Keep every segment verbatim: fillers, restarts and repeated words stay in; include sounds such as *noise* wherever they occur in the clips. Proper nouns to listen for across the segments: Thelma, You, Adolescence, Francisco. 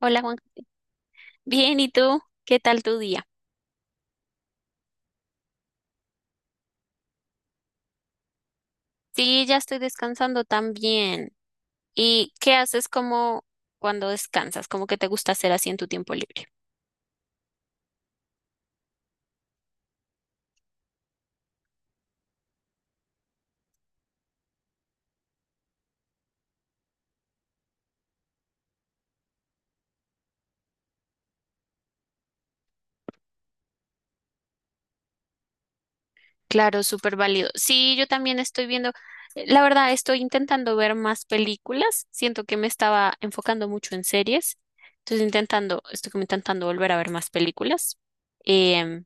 Hola Juan. Bien, ¿y tú? ¿Qué tal tu día? Sí, ya estoy descansando también. ¿Y qué haces como cuando descansas? ¿Cómo que te gusta hacer así en tu tiempo libre? Claro, súper válido. Sí, yo también estoy viendo, eh, la verdad, estoy intentando ver más películas. Siento que me estaba enfocando mucho en series. Entonces intentando, estoy como intentando volver a ver más películas. Em,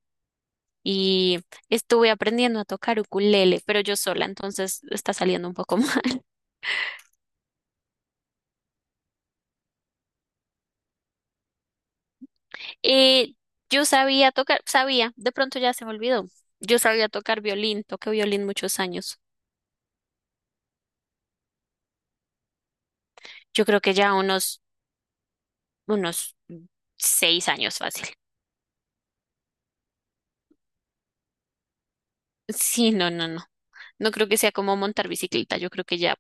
y Estuve aprendiendo a tocar ukulele, pero yo sola, entonces está saliendo un poco *laughs* mal. Eh, yo sabía tocar, sabía, de pronto ya se me olvidó. Yo sabía tocar violín, toqué violín muchos años. Yo creo que ya unos, unos seis años fácil. *laughs* Sí, no, no, no. No creo que sea como montar bicicleta, yo creo que ya.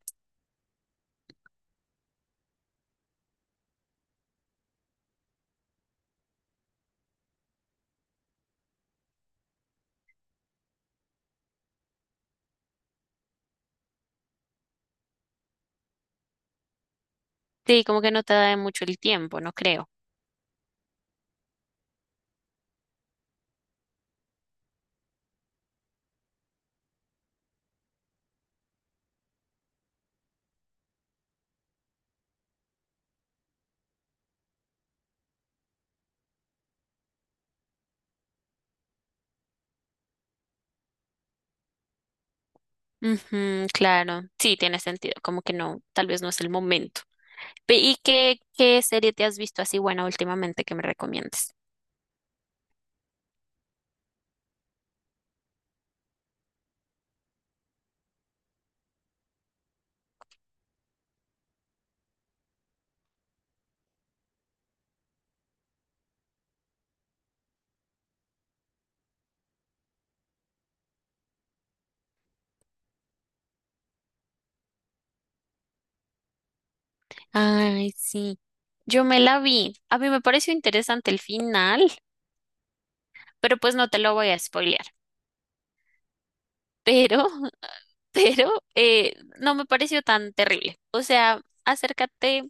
Sí, como que no te da mucho el tiempo, no creo. Ujú, claro, sí, tiene sentido, como que no, tal vez no es el momento. Pe- ¿Y qué, qué serie te has visto así buena últimamente que me recomiendes? Ay, sí. Yo me la vi. A mí me pareció interesante el final, pero pues no te lo voy a spoilear. Pero, *laughs* pero eh, no me pareció tan terrible. O sea, acércate.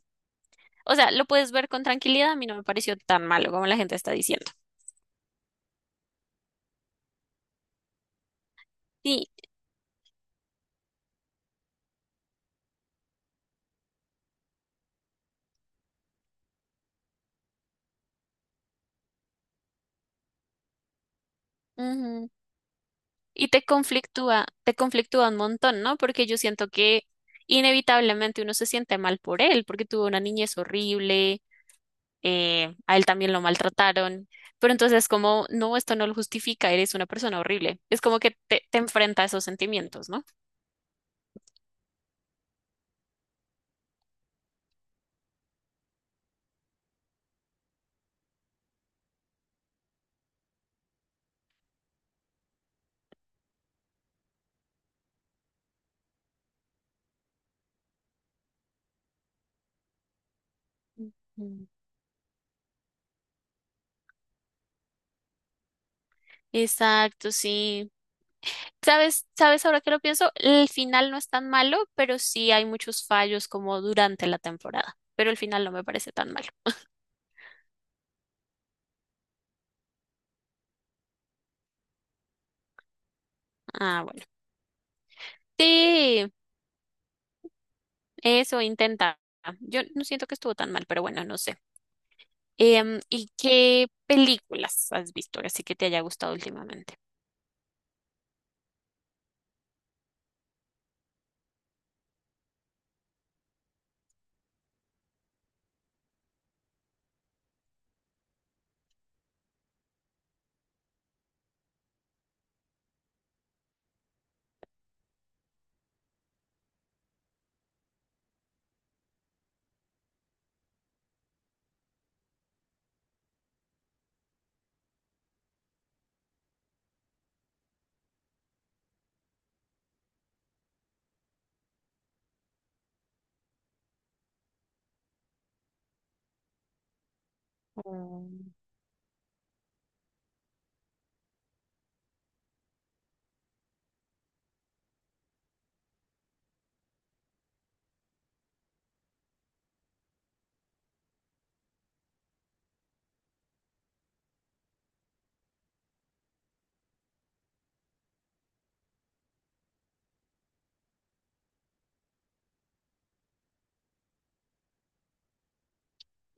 O sea, lo puedes ver con tranquilidad. A mí no me pareció tan malo como la gente está diciendo. Sí. Ujú. Y te conflictúa, te conflictúa un montón, ¿no? Porque yo siento que inevitablemente uno se siente mal por él, porque tuvo una niñez horrible, eh, a él también lo maltrataron, pero entonces como, no, esto no lo justifica, eres una persona horrible. Es como que te, te enfrenta a esos sentimientos, ¿no? Ujú. Exacto, sí. ¿Sabes, sabes ahora que lo pienso? El final no es tan malo, pero sí hay muchos fallos como durante la temporada. Pero el final no me parece tan malo. Ah, bueno. Sí, eso intenta. Yo no siento que estuvo tan mal, pero bueno, no sé. Em, ¿y qué películas has visto así que te haya gustado últimamente? Mm.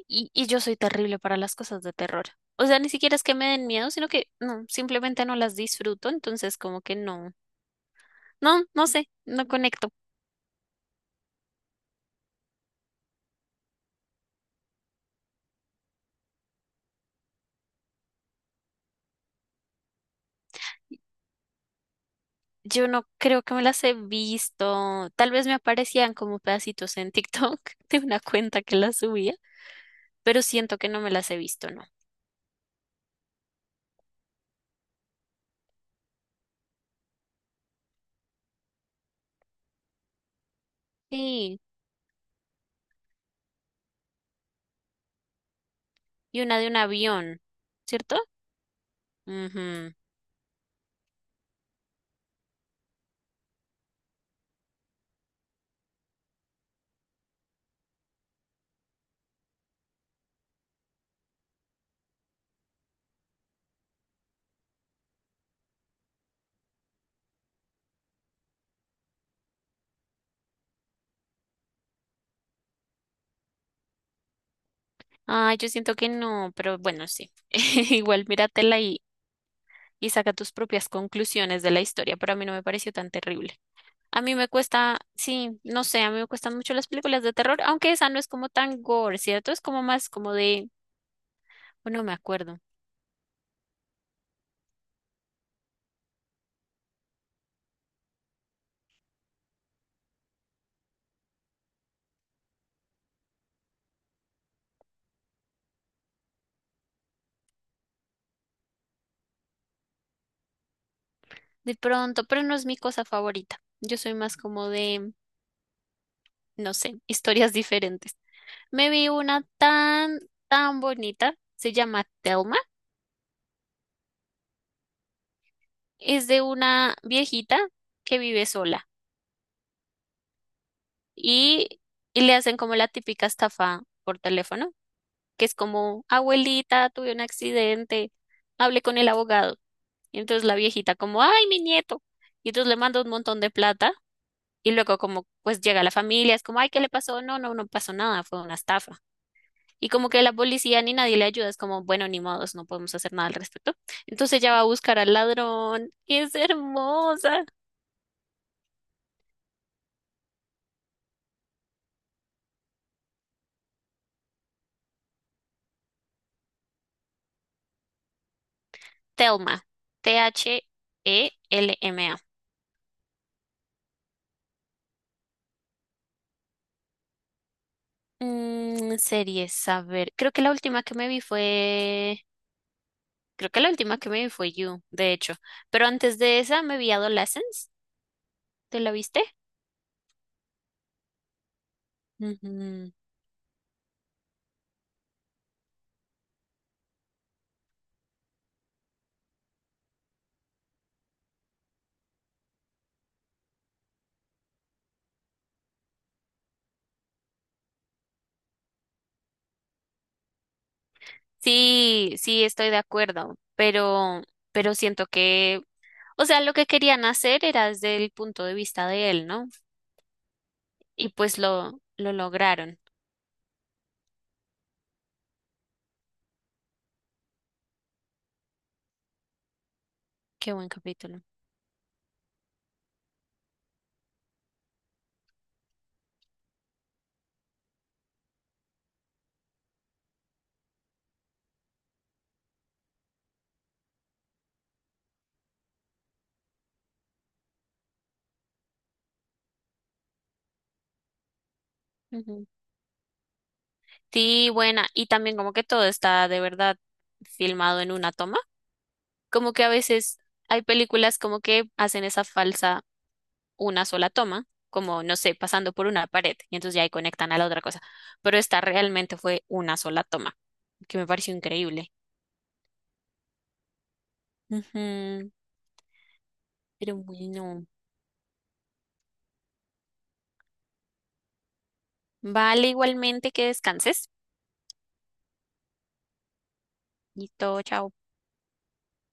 Y, y yo soy terrible para las cosas de terror. O sea, ni siquiera es que me den miedo, sino que no, simplemente no las disfruto, entonces como que no, no, no sé, no conecto. Yo no creo que me las he visto. Tal vez me aparecían como pedacitos en TikTok *laughs* de una cuenta que las subía, pero siento que no me las he visto, ¿no? Sí, y una de un avión, ¿cierto? Ujú. Ay, yo siento que no, pero bueno, sí. *laughs* Igual míratela y, y saca tus propias conclusiones de la historia, pero a mí no me pareció tan terrible. A mí me cuesta, sí, no sé, a mí me cuestan mucho las películas de terror, aunque esa no es como tan gore, ¿cierto? Es como más como de, bueno, no me acuerdo. De pronto, pero no es mi cosa favorita. Yo soy más como de, no sé, historias diferentes. Me vi una tan, tan bonita, se llama Thelma. Es de una viejita que vive sola y, y le hacen como la típica estafa por teléfono, que es como, abuelita, tuve un accidente, hablé con el abogado. Y entonces la viejita como, ay, mi nieto. Y entonces le manda un montón de plata y luego como, pues llega la familia, es como, ay, ¿qué le pasó? No, no, no pasó nada, fue una estafa. Y como que la policía ni nadie le ayuda, es como, bueno, ni modos, no podemos hacer nada al respecto. Entonces ella va a buscar al ladrón. Es hermosa. Thelma. T H E L M A. Mm, series, a ver. Creo que la última que me vi fue. Creo que la última que me vi fue You, de hecho. Pero antes de esa me vi Adolescence. ¿Te la viste? Ujú. Sí, sí, estoy de acuerdo. Pero, pero siento que. O sea, lo que querían hacer era desde el punto de vista de él, ¿no? Y pues lo, lo lograron. Qué buen capítulo. Ujú. Sí, buena. Y también como que todo está de verdad filmado en una toma. Como que a veces hay películas como que hacen esa falsa una sola toma, como no sé, pasando por una pared y entonces ya ahí conectan a la otra cosa. Pero esta realmente fue una sola toma, que me pareció increíble. Ujú. Pero bueno. Vale, igualmente que descanses. Y todo, chao.